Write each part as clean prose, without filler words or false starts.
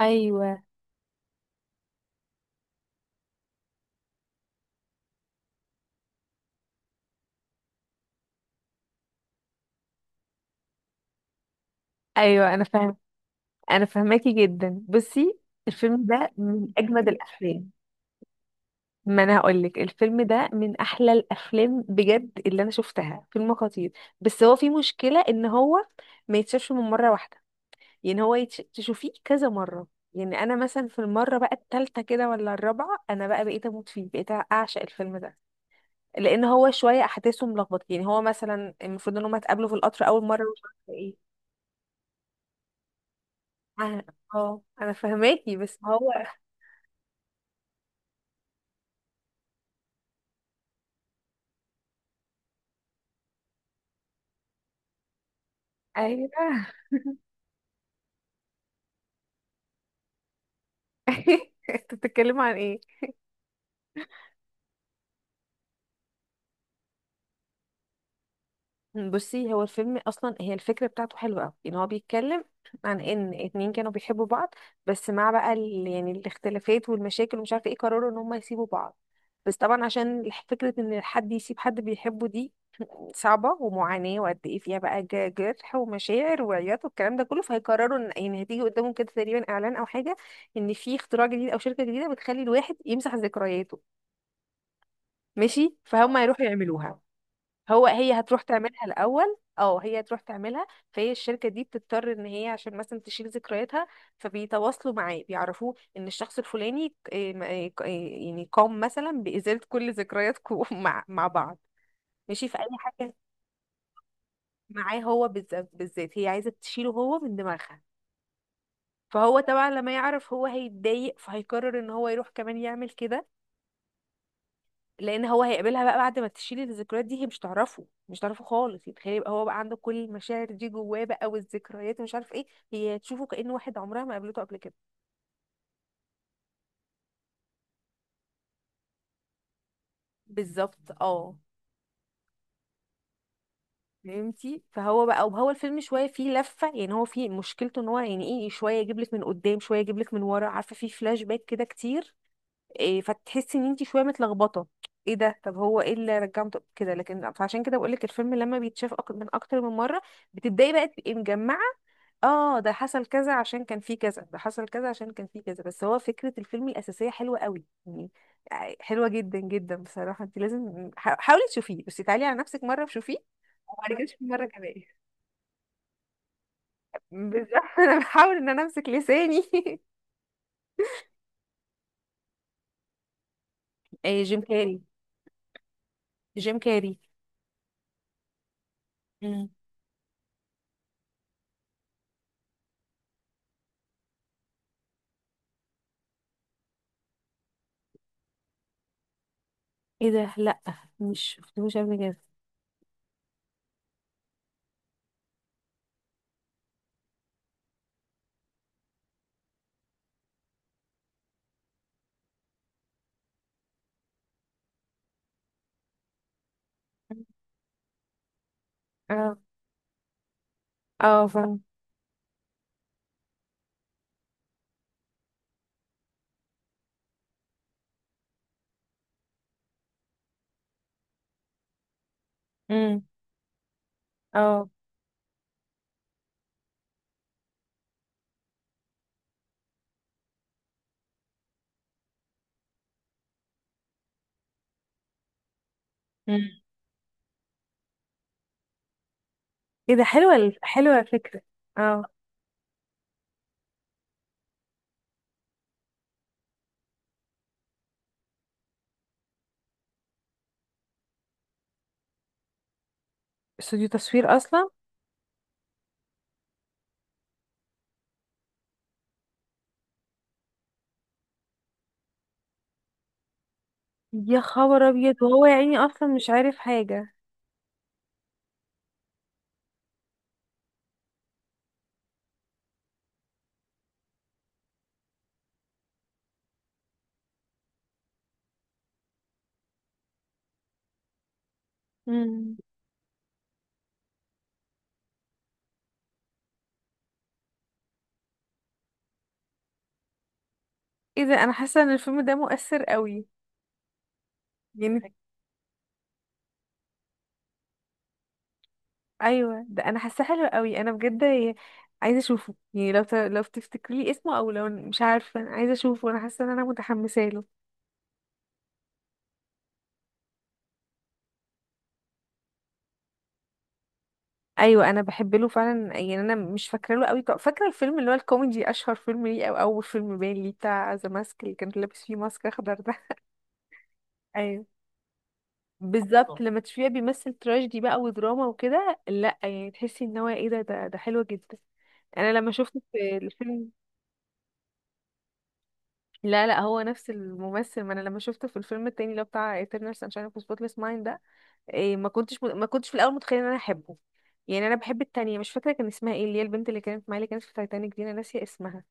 ايوه، ايوه، انا فاهم. انا فاهماكي جدا. بصي، الفيلم ده من اجمد الافلام. ما انا هقول لك، الفيلم ده من احلى الافلام بجد اللي انا شفتها، فيلم خطير. بس هو في مشكله ان هو ما يتشافش من مره واحده. يعني هو تشوفيه كذا مره. يعني انا مثلا في المره بقى التالتة كده ولا الرابعه، انا بقى بقيت اموت فيه، بقيت اعشق الفيلم ده. لان هو شويه احداثه ملخبطه. يعني هو مثلا المفروض ان هم اتقابلوا في القطر اول مره ومش عارفه ايه. انا اه انا فهماكي، بس هو. ايوه. انت بتتكلم عن ايه؟ بصي، هو الفيلم اصلا هي الفكره بتاعته حلوه قوي. ان هو بيتكلم عن ان اتنين كانوا بيحبوا بعض، بس مع بقى يعني الاختلافات والمشاكل ومش عارفه ايه، قرروا ان هم يسيبوا بعض. بس طبعا عشان فكره ان حد يسيب حد بيحبه دي صعبة ومعاناة، وقد ايه فيها بقى جرح ومشاعر وعياط والكلام ده كله. فهيقرروا ان، يعني، هتيجي قدامهم كده تقريبا اعلان او حاجة ان في اختراع جديد او شركة جديدة بتخلي الواحد يمسح ذكرياته. ماشي، فهم هيروحوا يعملوها. هي هتروح تعملها الاول. اه، هي هتروح تعملها. فهي الشركة دي بتضطر ان هي، عشان مثلا تشيل ذكرياتها، فبيتواصلوا معاه بيعرفوه ان الشخص الفلاني، إيه م- إيه ك- إيه يعني، قام مثلا بإزالة كل ذكرياتكم مع بعض. ماشي، في اي حاجة. معاه هو بالذات، بالذات هي عايزة تشيله هو من دماغها. فهو طبعا لما يعرف، هو هيتضايق، فهيقرر ان هو يروح كمان يعمل كده. لان هو هيقابلها بقى بعد ما تشيل الذكريات دي، هي مش تعرفه، مش تعرفه خالص. يتخيل يبقى هو بقى عنده كل المشاعر دي جواه بقى والذكريات، ومش عارف ايه. هي هتشوفه كأنه واحد عمرها ما قابلته قبل كده. بالظبط، اه. فهمتي؟ فهو بقى وهو الفيلم شويه فيه لفه. يعني هو فيه مشكلته ان هو، يعني ايه، شويه يجيب لك من قدام شويه يجيب لك من ورا، عارفه، فيه فلاش باك كده كتير. إيه، فتحسي ان انت شويه متلخبطه. ايه ده، طب هو ايه اللي رجعهم، طب كده. لكن فعشان كده بقول لك، الفيلم لما بيتشاف من اكتر من مره، بتبداي بقى تبقي مجمعه. اه، ده حصل كذا عشان كان فيه كذا، ده حصل كذا عشان كان فيه كذا. بس هو فكره الفيلم الاساسيه حلوه قوي يعني، حلوه جدا جدا بصراحه. انت لازم حاولي تشوفيه. بس تعالي على نفسك، مره وشوفيه وبعد كده شوفي مره كمان. بالظبط. انا بحاول ان انا امسك لساني. إيه، جيم كاري. جيم كاري. مم. ايه ده، لا، مش شفتهوش قبل كده. اه، اه، فاهم. امم، اه. امم ايه ده، حلوه الفكره. اه، استوديو تصوير اصلا. يا خبر ابيض، وهو يا عيني اصلا مش عارف حاجه. امم ايه ده، انا حاسه ان الفيلم ده مؤثر قوي. يعني، ايوه ده انا حاسه حلو قوي، انا بجد عايزه اشوفه. يعني لو لو تفتكري لي اسمه، او لو مش عارفه، انا عايزه اشوفه، انا حاسه ان انا متحمسه له. ايوه، انا بحب له فعلا. يعني انا مش فاكره له قوي، فاكره الفيلم اللي هو الكوميدي، اشهر فيلم ليه او اول فيلم باين ليه، بتاع ذا ماسك اللي كان لابس فيه ماسك اخضر ده. ايوه، بالظبط. لما تشوفيه بيمثل تراجيدي بقى ودراما وكده، لا، يعني تحسي ان هو، ايه ده حلو جدا. انا لما شفته في الفيلم. لا، لا، هو نفس الممثل. ما انا لما شفته في الفيلم التاني اللي هو بتاع Eternal Sunshine of the Spotless Mind ده، إيه، ما كنتش في الاول متخيله ان انا احبه. يعني انا بحب التانية، مش فاكره كان اسمها ايه، اللي هي البنت اللي كانت معايا اللي كانت في تايتانيك دي، انا ناسيه اسمها.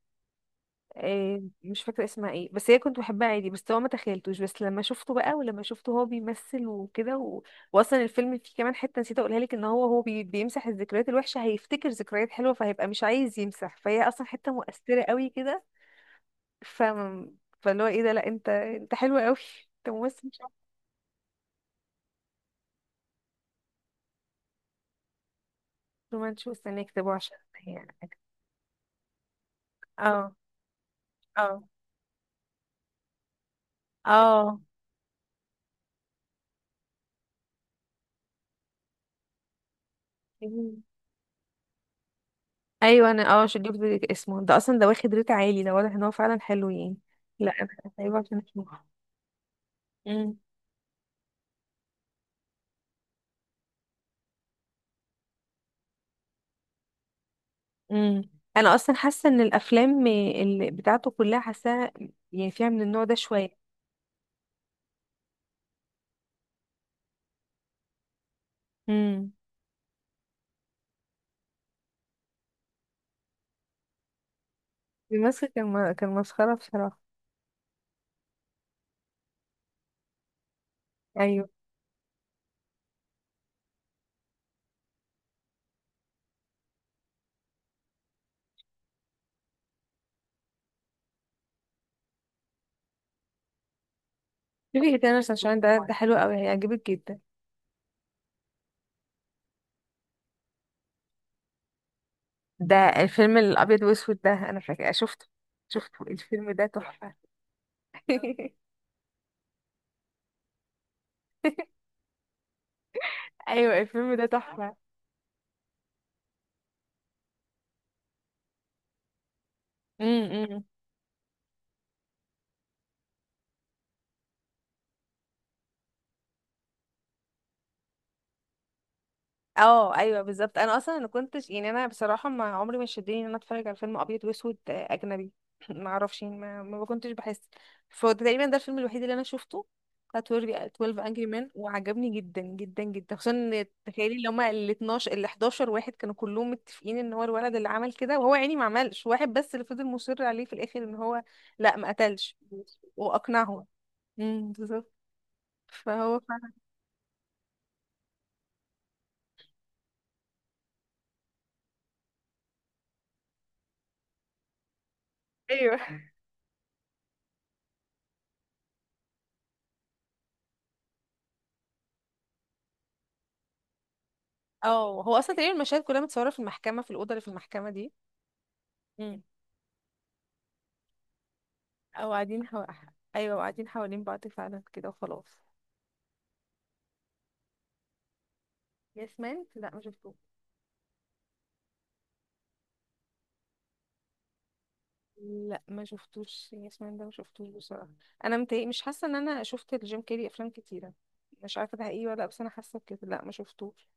مش فاكرة اسمها ايه. بس هي كنت بحبها عادي، بس هو ما تخيلتوش. بس لما شفته بقى، ولما شفته هو بيمثل وكده و. واصلا الفيلم فيه كمان حتة نسيت اقولها لك، ان هو بيمسح الذكريات الوحشة، هيفتكر ذكريات حلوة، فهيبقى مش عايز يمسح، فهي اصلا حتة مؤثرة قوي كده. ف فاللي هو، ايه ده، لا، انت حلو قوي، انت ممثل شاطر. وما نشوف، استنى يكتبوا عشان. يعني، اه، اه، اه، ايوه، انا شفت اسمه ده اصلا. ده واخد ريت عالي، ده واضح ان هو فعلا حلو يعني. لا، انا هسيبه عشان اشوفه. امم، امم. انا اصلا حاسه ان الافلام اللي بتاعته كلها حاساها، يعني فيها من النوع ده شويه. امم الماسك كان كان مسخره بصراحه. ايوه. شوفي تاني عشان ده حلو قوي، هيعجبك جدا. ده الفيلم الابيض واسود ده، انا فاكره شفته، شفته الفيلم ده تحفه. ايوه، الفيلم ده تحفه. امم، اه، ايوه بالظبط. انا اصلا ما كنتش يعني، انا بصراحه ما عمري ما شدني ان انا اتفرج على فيلم ابيض واسود، اجنبي. ما اعرفش، يعني ما كنتش بحس. فتقريبا ده الفيلم الوحيد اللي انا شفته، بتاع 12 انجري مان، وعجبني جدا جدا جدا. خصوصا ان تخيلي، اللي هما ال 11 واحد كانوا كلهم متفقين ان هو الولد اللي عمل كده، وهو يعني ما عملش. واحد بس اللي فضل مصر عليه في الاخر ان هو. لا، ما قتلش. واقنعهم. امم، بالظبط. فهو فعلا. ايوه، اه. هو اصلا تقريبا المشاهد كلها متصوره في المحكمه، في الاوضه اللي في المحكمه دي. امم، او قاعدين. ايوه، قاعدين حوالين بعض فعلا كده، وخلاص. يس مان؟ لا، ما شفتوش. لا، ما شفتوش. يس مان ده ما شفتوش بصراحه. انا متهيأ مش حاسه ان انا شفت الجيم كيري افلام كتيره. مش عارفه ده حقيقي ولا لأ، بس انا حاسه بكده. لا، ما شفتوش.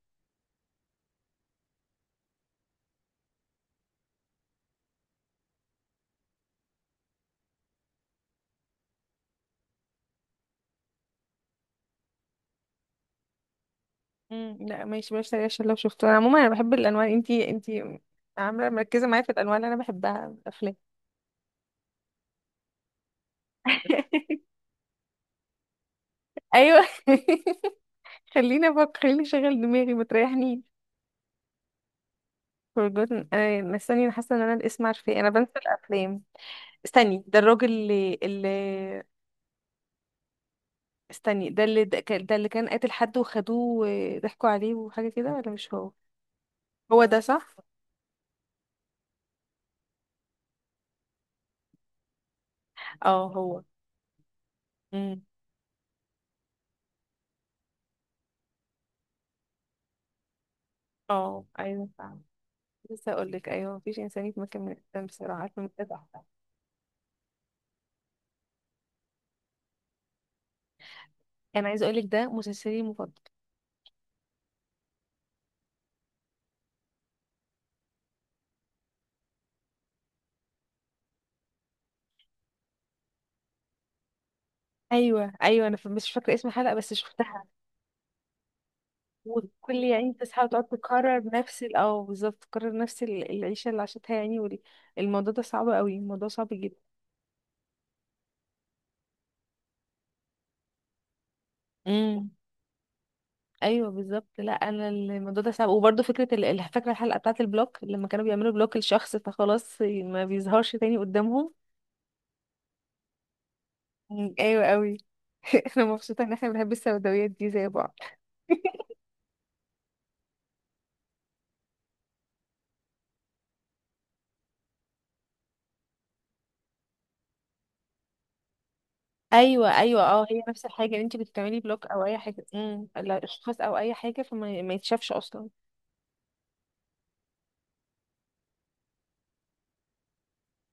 امم، لا، ماشي، بلاش تريقة، عشان لو شفته. انا عموما انا بحب الانواع، انتي عامله مركزه معايا في الانواع اللي انا بحبها من الافلام. ايوه. خليني افكر، خليني اشغل دماغي، ما تريحنيش. Forgotten، انا استني، انا حاسه ان انا الاسم عارفاه، انا بنسى الافلام. استني، ده الراجل اللي استني، ده اللي كان قاتل حد، وخدوه وضحكوا عليه وحاجه كده، ولا مش هو؟ هو ده صح؟ اه، هو. امم. اه، ايوه فعلا. لسه اقول لك، ايوه، مفيش انسان يتمكن من الانسان بصراحه. عارفه، من ده تحفه. انا عايزه اقول لك، ده مسلسلي المفضل. ايوه، ايوه، انا مش فاكره اسم الحلقه بس شفتها. وكل، يعني، تصحى وتقعد تكرر نفس اه، بالظبط، تكرر نفس العيشة اللي عاشتها، يعني. الموضوع ده صعب قوي، الموضوع صعب جدا. امم، ايوه بالظبط. لا، انا الموضوع ده صعب. وبرده فكره فاكره الحلقه بتاعه البلوك، لما كانوا بيعملوا بلوك لشخص فخلاص ما بيظهرش تاني قدامهم. مم، ايوه قوي. انا مبسوطه ان احنا بنحب السوداويات دي زي بعض. ايوه، ايوه، اه، هي نفس الحاجه. ان انت بتعملي بلوك او اي حاجه، امم، لا، اشخاص او اي حاجه، فما ما يتشافش اصلا.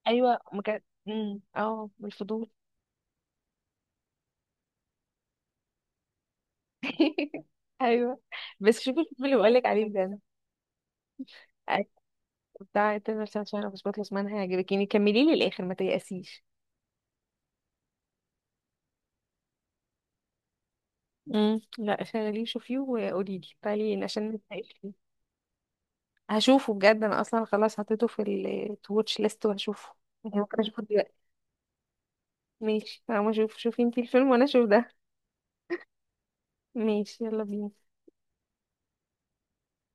ايوه، ما كان. امم، اه، بالفضول. ايوه. بس شوفي الفيلم اللي بقولك عليه بجد. أيوة، بتاع تامر، عشان انا مش بخلص منها، هيعجبك. كملي لي الاخر، ما تيأسيش. امم، لا، شغليه، شوفيه وقولي لي، تعالي لي عشان نتناقش فيه. هشوفه بجد. انا اصلا خلاص حطيته في التواتش ليست، وهشوفه. يعني ممكن اشوفه دلوقتي. ماشي، انا اشوف. شوفي انتي الفيلم وانا اشوف ده. ماشي، يلا بينا.